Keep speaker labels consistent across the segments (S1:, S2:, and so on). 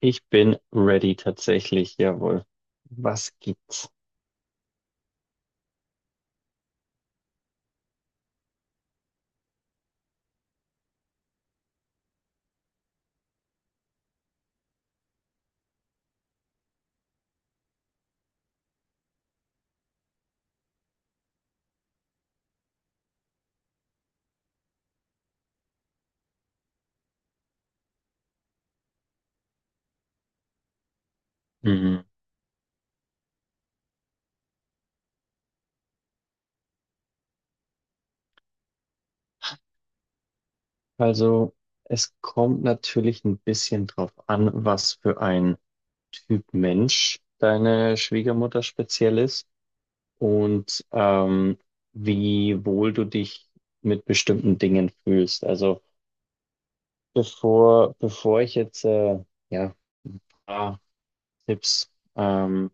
S1: Ich bin ready tatsächlich, jawohl. Was gibt's? Mhm. Also, es kommt natürlich ein bisschen drauf an, was für ein Typ Mensch deine Schwiegermutter speziell ist und wie wohl du dich mit bestimmten Dingen fühlst. Also, bevor ich jetzt ja, ein paar Tipps ähm,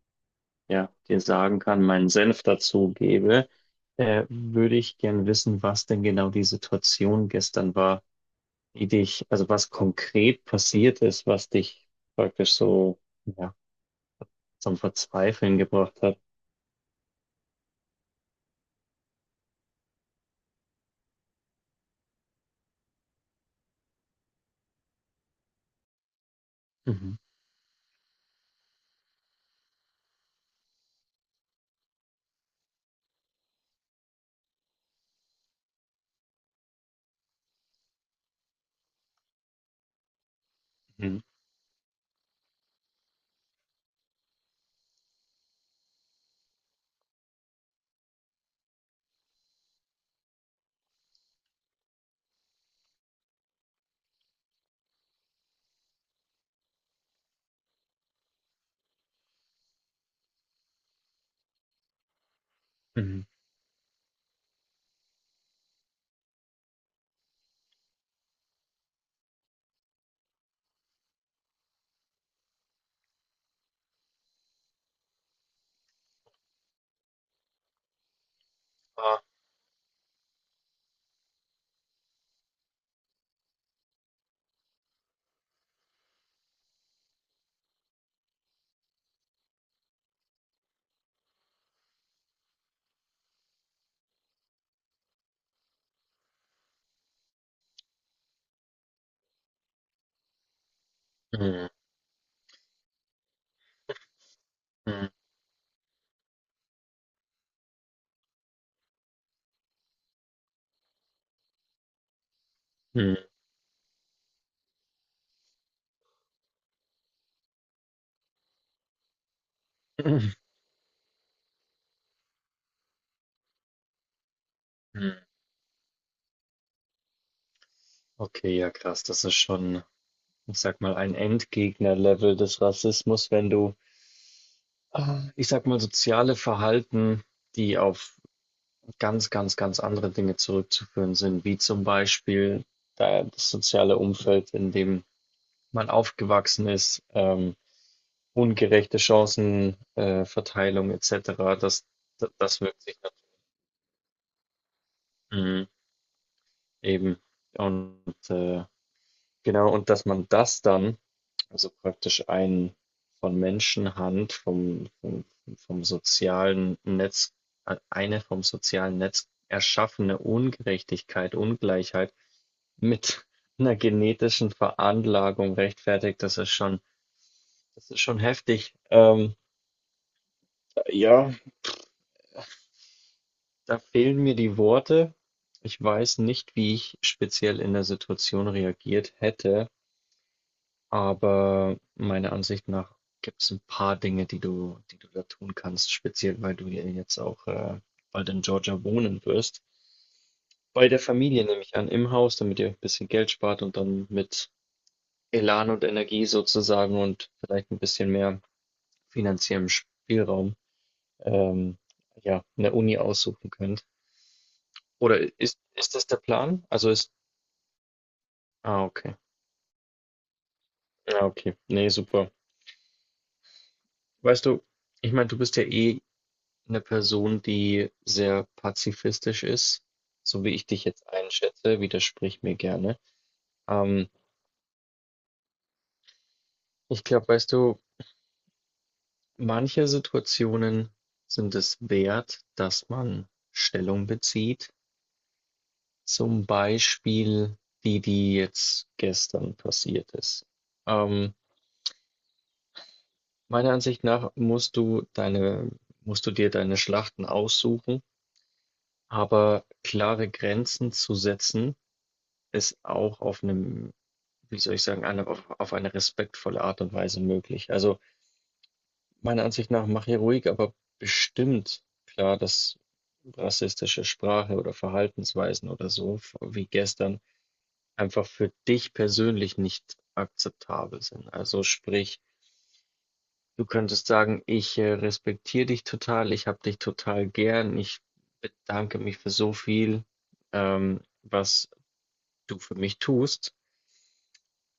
S1: ja, dir sagen kann, meinen Senf dazu gebe, würde ich gern wissen, was denn genau die Situation gestern war, die dich, also was konkret passiert ist, was dich praktisch so, ja, zum Verzweifeln gebracht hat. Mhm. Mhm. Mhm. Ah. Mhm. Mhm. Mhm. Mhm. Mhm. Okay, ja krass, das ist schon, ich sag mal, ein Endgegner-Level des Rassismus, wenn du, ah, ich sag mal, soziale Verhalten, die auf ganz, ganz, ganz andere Dinge zurückzuführen sind, wie zum Beispiel da das soziale Umfeld, in dem man aufgewachsen ist, ungerechte Chancenverteilung Verteilung etc. Das, das wirkt sich dann mhm. eben und äh, genau und dass man das dann also praktisch ein von Menschenhand vom sozialen Netz eine vom sozialen Netz erschaffene Ungerechtigkeit, Ungleichheit mit einer genetischen Veranlagung rechtfertigt, das ist schon, das ist schon heftig. Ja, da fehlen mir die Worte. Ich weiß nicht, wie ich speziell in der Situation reagiert hätte, aber meiner Ansicht nach gibt es ein paar Dinge, die du da tun kannst, speziell weil du ja jetzt auch, bald in Georgia wohnen wirst. Bei der Familie nehme ich an, im Haus, damit ihr ein bisschen Geld spart und dann mit Elan und Energie sozusagen und vielleicht ein bisschen mehr finanziellen Spielraum, ähm, ja, 'ne Uni aussuchen könnt. Oder ist das der Plan? Also ist, ah, okay. Ja, okay. Ne, super. Weißt du, ich meine, du bist ja eh eine Person, die sehr pazifistisch ist, so wie ich dich jetzt einschätze, widersprich mir gerne. Ähm, ich glaube, weißt du, manche Situationen sind es wert, dass man Stellung bezieht. Zum Beispiel die, die jetzt gestern passiert ist. Ähm, meiner Ansicht nach musst du deine, musst du dir deine Schlachten aussuchen, aber klare Grenzen zu setzen ist auch auf einem, wie soll ich sagen, eine, auf eine respektvolle Art und Weise möglich. Also meiner Ansicht nach mach hier ruhig, aber bestimmt klar, dass rassistische Sprache oder Verhaltensweisen oder so, wie gestern, einfach für dich persönlich nicht akzeptabel sind. Also sprich, du könntest sagen, ich respektiere dich total, ich habe dich total gern, ich bedanke mich für so viel, was du für mich tust.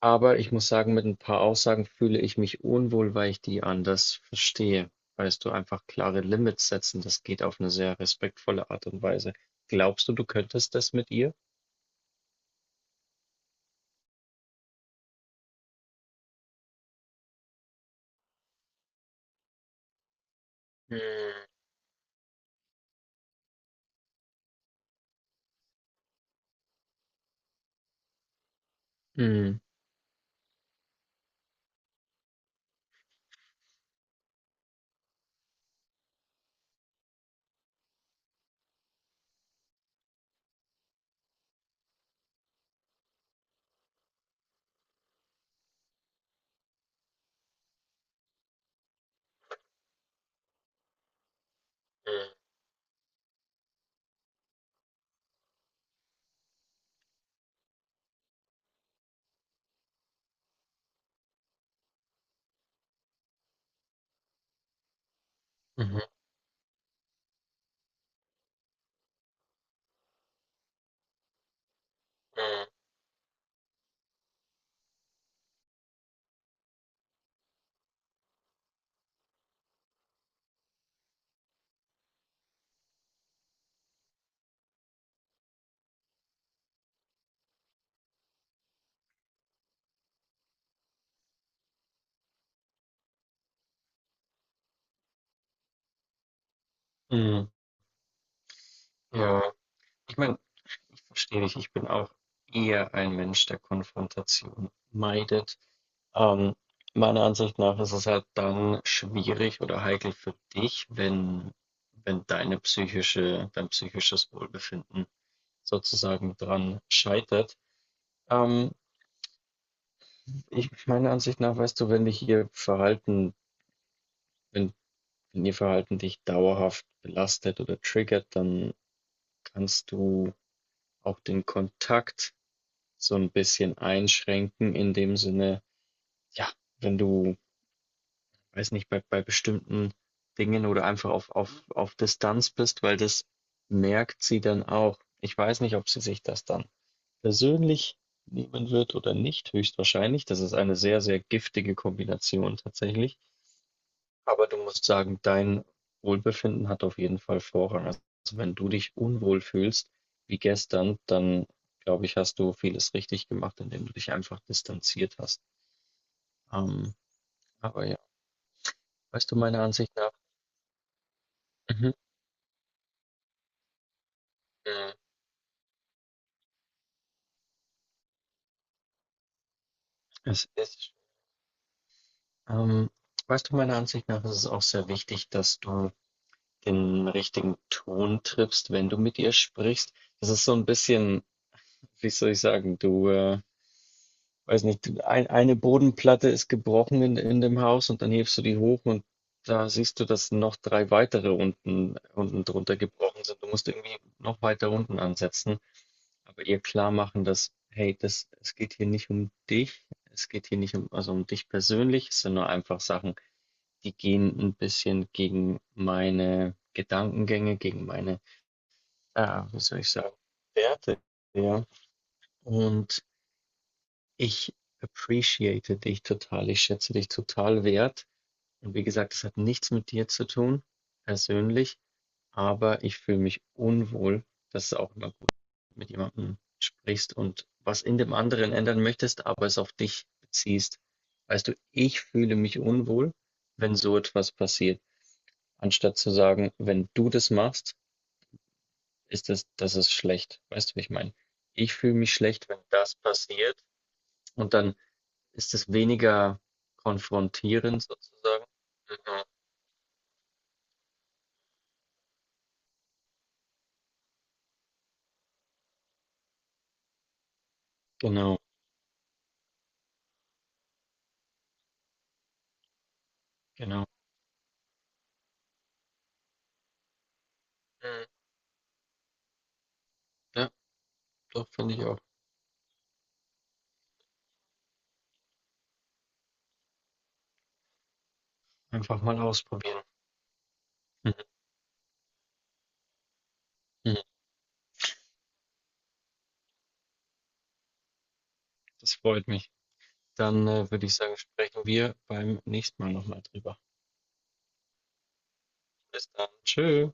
S1: Aber ich muss sagen, mit ein paar Aussagen fühle ich mich unwohl, weil ich die anders verstehe. Weißt du, einfach klare Limits setzen, das geht auf eine sehr respektvolle Art und Weise. Glaubst du, du könntest das mit ihr? Mm. Mm. Mm. Mhm. Mm. Mm. Ja. Ich meine, ich verstehe dich. Ich bin auch eher ein Mensch, der Konfrontation meidet. Ähm, meiner Ansicht nach ist es halt dann schwierig oder heikel für dich, wenn, wenn deine psychische, dein psychisches Wohlbefinden sozusagen dran scheitert. Ähm, meiner Ansicht nach, weißt du, wenn dich ihr Verhalten, wenn, wenn ihr Verhalten dich dauerhaft belastet oder triggert, dann kannst du auch den Kontakt so ein bisschen einschränken in dem Sinne, ja, wenn du, weiß nicht, bei bestimmten Dingen oder einfach auf Distanz bist, weil das merkt sie dann auch. Ich weiß nicht, ob sie sich das dann persönlich nehmen wird oder nicht, höchstwahrscheinlich. Das ist eine sehr, sehr giftige Kombination tatsächlich. Aber du musst sagen, dein Wohlbefinden hat auf jeden Fall Vorrang. Also wenn du dich unwohl fühlst, wie gestern, dann glaube ich, hast du vieles richtig gemacht, indem du dich einfach distanziert hast. Ähm, aber ja, weißt du, meiner Ansicht nach, mhm, mhm, es ist, ähm, weißt du, meiner Ansicht nach ist es auch sehr wichtig, dass du den richtigen Ton triffst, wenn du mit ihr sprichst. Das ist so ein bisschen, wie soll ich sagen, du, weiß nicht, ein, eine Bodenplatte ist gebrochen in dem Haus und dann hebst du die hoch und da siehst du, dass noch drei weitere unten, unten drunter gebrochen sind. Du musst irgendwie noch weiter unten ansetzen, aber ihr klar machen, dass, hey, das, es geht hier nicht um dich, es geht hier nicht um, also um dich persönlich, es sind nur einfach Sachen, die gehen ein bisschen gegen meine Gedankengänge, gegen meine, ja, wie soll ich sagen, Werte, ja. Und ich appreciate dich total. Ich schätze dich total wert. Und wie gesagt, es hat nichts mit dir zu tun, persönlich, aber ich fühle mich unwohl. Das ist auch immer gut, wenn du mit jemandem sprichst und was in dem anderen ändern möchtest, aber es auf dich beziehst. Weißt du, ich fühle mich unwohl, wenn so etwas passiert, anstatt zu sagen, wenn du das machst, ist das, das ist schlecht. Weißt du, wie ich meine? Ich fühle mich schlecht, wenn das passiert und dann ist es weniger konfrontierend sozusagen? Mhm. Genau, genau. Mhm. Ja, doch, finde ich auch. Einfach mal ausprobieren. Mhm. Mhm. Das freut mich. Dann, würde ich sagen, sprechen wir beim nächsten Mal nochmal drüber. Bis dann. Tschö.